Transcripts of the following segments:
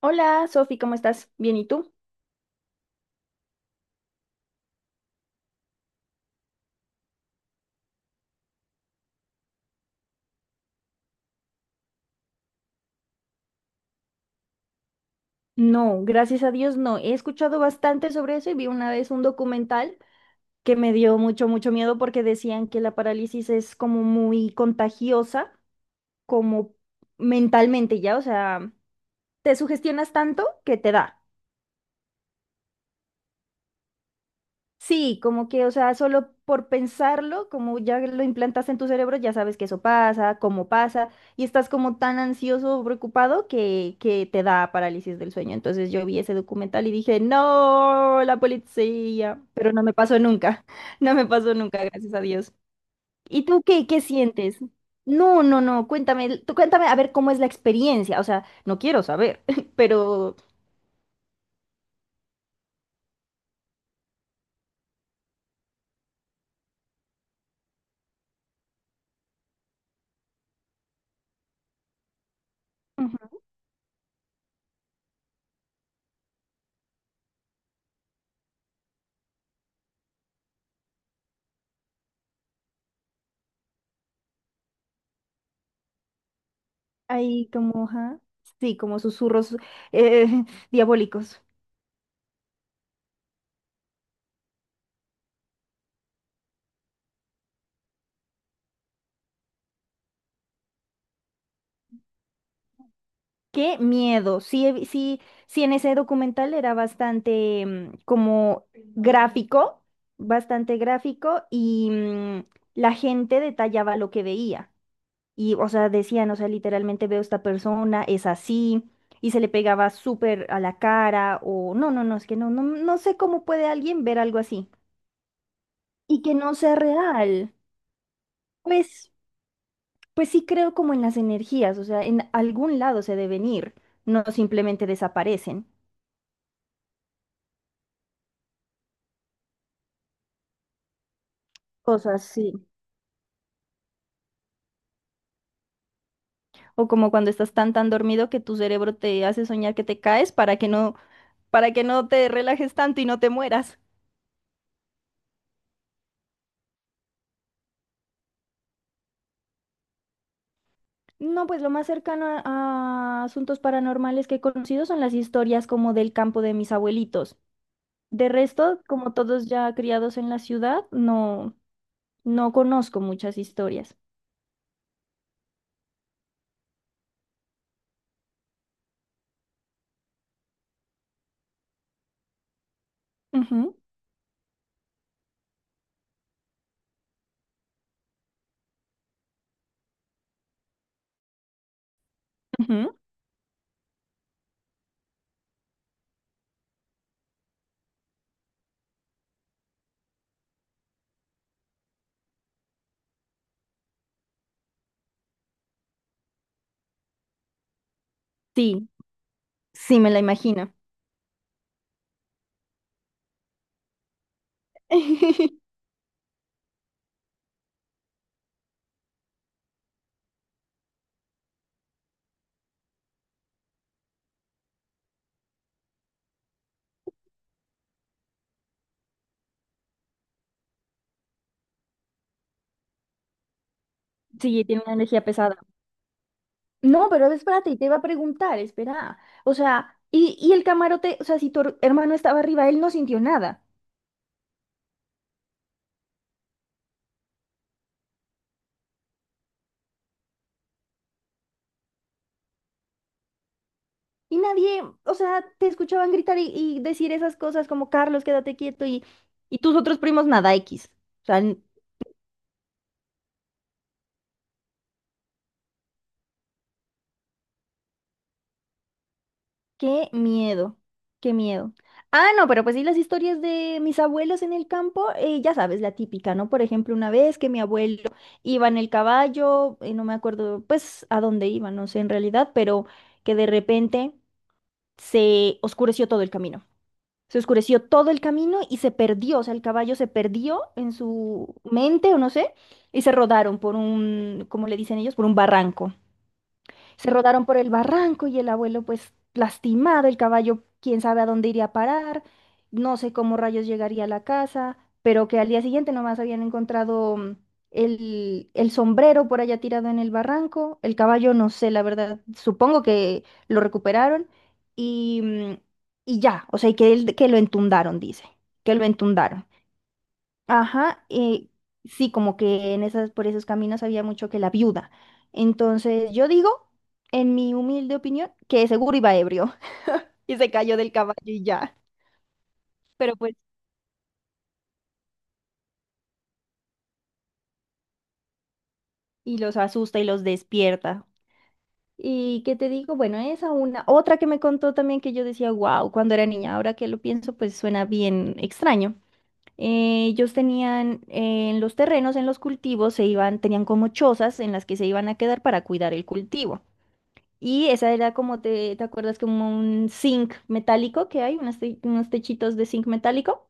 Hola, Sofi, ¿cómo estás? Bien, ¿y tú? No, gracias a Dios no. He escuchado bastante sobre eso y vi una vez un documental que me dio mucho, mucho miedo porque decían que la parálisis es como muy contagiosa, como mentalmente ya, o sea, te sugestionas tanto que te da. Sí, como que, o sea, solo por pensarlo, como ya lo implantas en tu cerebro, ya sabes que eso pasa, cómo pasa, y estás como tan ansioso o preocupado que te da parálisis del sueño. Entonces yo vi ese documental y dije, no, la policía, pero no me pasó nunca, no me pasó nunca, gracias a Dios. ¿Y tú qué sientes? No, no, no, cuéntame, tú cuéntame a ver cómo es la experiencia, o sea, no quiero saber, pero... Ahí como, ajá. Sí, como susurros eh, diabólicos. Qué miedo. Sí, sí, sí, en ese documental era bastante como gráfico, bastante gráfico y la gente detallaba lo que veía. Y, o sea, decían, o sea, literalmente veo esta persona, es así, y se le pegaba súper a la cara, o no, no, no, es que no, no, no sé cómo puede alguien ver algo así. Y que no sea real. Pues. Pues sí creo como en las energías, o sea, en algún lado se deben ir, no simplemente desaparecen. Cosas sí. O como cuando estás tan tan dormido que tu cerebro te hace soñar que te caes para que no te relajes tanto y no te mueras. No, pues lo más cercano a asuntos paranormales que he conocido son las historias como del campo de mis abuelitos. De resto, como todos ya criados en la ciudad, no, no conozco muchas historias. Ujú, ujú. Sí, sí me la imagino. Sí, tiene una energía pesada. No, pero espérate, te iba a preguntar, espera. O sea, y el camarote, o sea, si tu hermano estaba arriba, él no sintió nada. Y nadie, o sea, te escuchaban gritar y decir esas cosas como Carlos, quédate quieto, y tus otros primos nada X. O sea, qué miedo, qué miedo. Ah, no, pero pues sí, las historias de mis abuelos en el campo, ya sabes, la típica, ¿no? Por ejemplo, una vez que mi abuelo iba en el caballo, no me acuerdo, pues, a dónde iba, no sé en realidad, pero que de repente se oscureció todo el camino. Se oscureció todo el camino y se perdió, o sea, el caballo se perdió en su mente, o no sé, y se rodaron por un, como le dicen ellos, por un barranco. Se rodaron por el barranco y el abuelo pues lastimado, el caballo quién sabe a dónde iría a parar, no sé cómo rayos llegaría a la casa, pero que al día siguiente nomás habían encontrado el sombrero por allá tirado en el barranco, el caballo no sé, la verdad, supongo que lo recuperaron y, mm, y ya, o sea, y que, que lo entundaron, dice, que lo entundaron. Ajá, sí, como que en esas, por esos caminos había mucho que la viuda. Entonces, yo digo, en mi humilde opinión, que seguro iba ebrio y se cayó del caballo y ya. Pero pues, y los asusta y los despierta. Y qué te digo, bueno, esa una. Otra que me contó también que yo decía, wow, cuando era niña, ahora que lo pienso, pues suena bien extraño. Ellos tenían en los terrenos, en los cultivos, se iban, tenían como chozas en las que se iban a quedar para cuidar el cultivo. Y esa era como te, ¿te acuerdas? Como un zinc metálico que hay, unos, unos techitos de zinc metálico.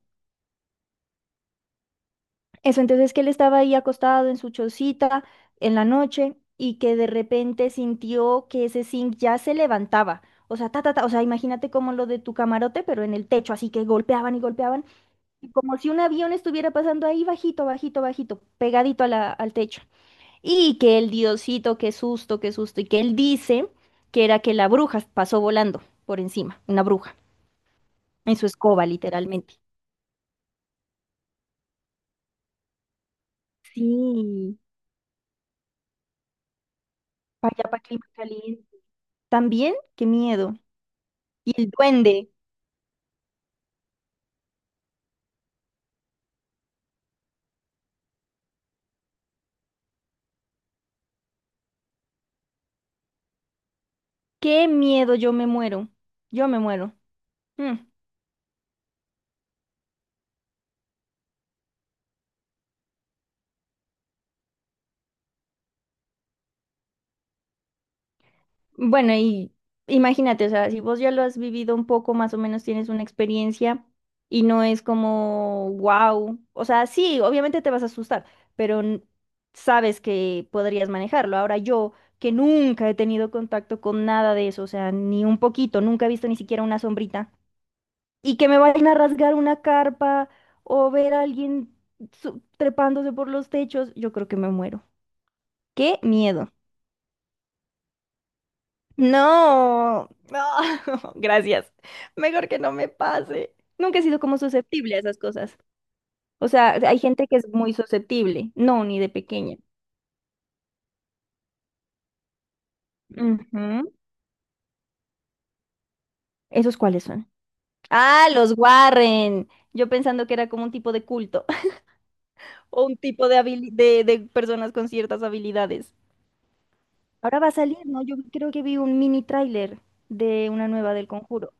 Eso entonces que él estaba ahí acostado en su chocita en la noche y que de repente sintió que ese zinc ya se levantaba. O sea, ta, ta, ta, o sea, imagínate como lo de tu camarote, pero en el techo, así que golpeaban y golpeaban, y como si un avión estuviera pasando ahí bajito, bajito, bajito, pegadito a al techo. Y que el diosito, qué susto, qué susto. Y que él dice que era que la bruja pasó volando por encima, una bruja, en su escoba, literalmente. Sí, para allá, para clima caliente. También, qué miedo. Y el duende, qué miedo, yo me muero. Yo me muero. Mm. Bueno, y imagínate, o sea, si vos ya lo has vivido un poco, más o menos tienes una experiencia y no es como, wow, o sea, sí, obviamente te vas a asustar, pero sabes que podrías manejarlo. Ahora yo, que nunca he tenido contacto con nada de eso, o sea, ni un poquito, nunca he visto ni siquiera una sombrita, y que me vayan a rasgar una carpa o ver a alguien trepándose por los techos, yo creo que me muero. ¡Qué miedo! No, no, gracias. Mejor que no me pase. Nunca he sido como susceptible a esas cosas. O sea, hay gente que es muy susceptible. No, ni de pequeña. Ujú. ¿Esos cuáles son? Ah, los Warren. Yo pensando que era como un tipo de culto o un tipo de, de personas con ciertas habilidades. Ahora va a salir, ¿no? Yo creo que vi un mini tráiler de una nueva del Conjuro.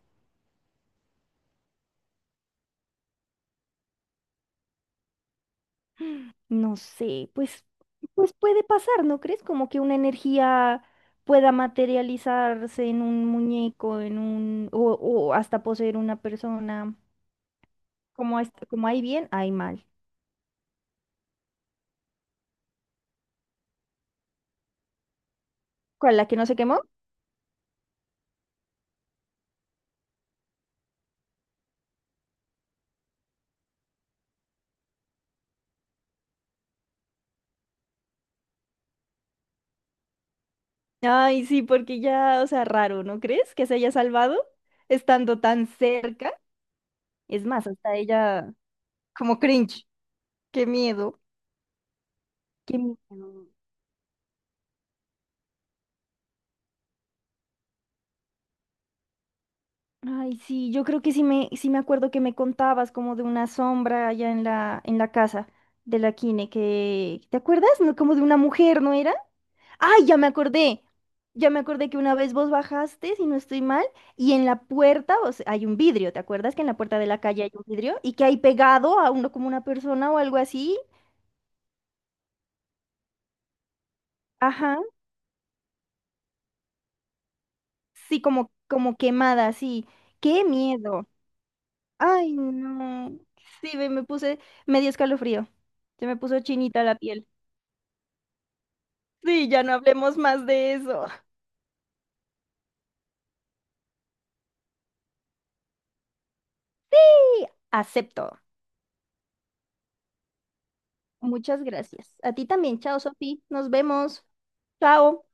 No sé, pues puede pasar, ¿no crees? Como que una energía pueda materializarse en un muñeco, en un, o hasta poseer una persona. Como, como hay bien, hay mal. ¿Cuál, la que no se quemó? Ay, sí, porque ya, o sea, raro, ¿no crees? Que se haya salvado estando tan cerca. Es más, hasta ella, como cringe. Qué miedo. Qué miedo. Ay, sí, yo creo que sí me acuerdo que me contabas como de una sombra allá en la casa de la Kine, que, ¿te acuerdas? No, como de una mujer, ¿no era? Ay, ya me acordé. Ya me acordé que una vez vos bajaste, si no estoy mal, y en la puerta, o sea, hay un vidrio, ¿te acuerdas que en la puerta de la calle hay un vidrio y que hay pegado a uno como una persona o algo así? Ajá, sí, como, como quemada, sí. Qué miedo. Ay, no. Sí, ve, me puse, me dio escalofrío. Se me puso chinita la piel. Sí, ya no hablemos más de eso. Sí, acepto. Muchas gracias. A ti también. Chao, Sofi. Nos vemos. Chao.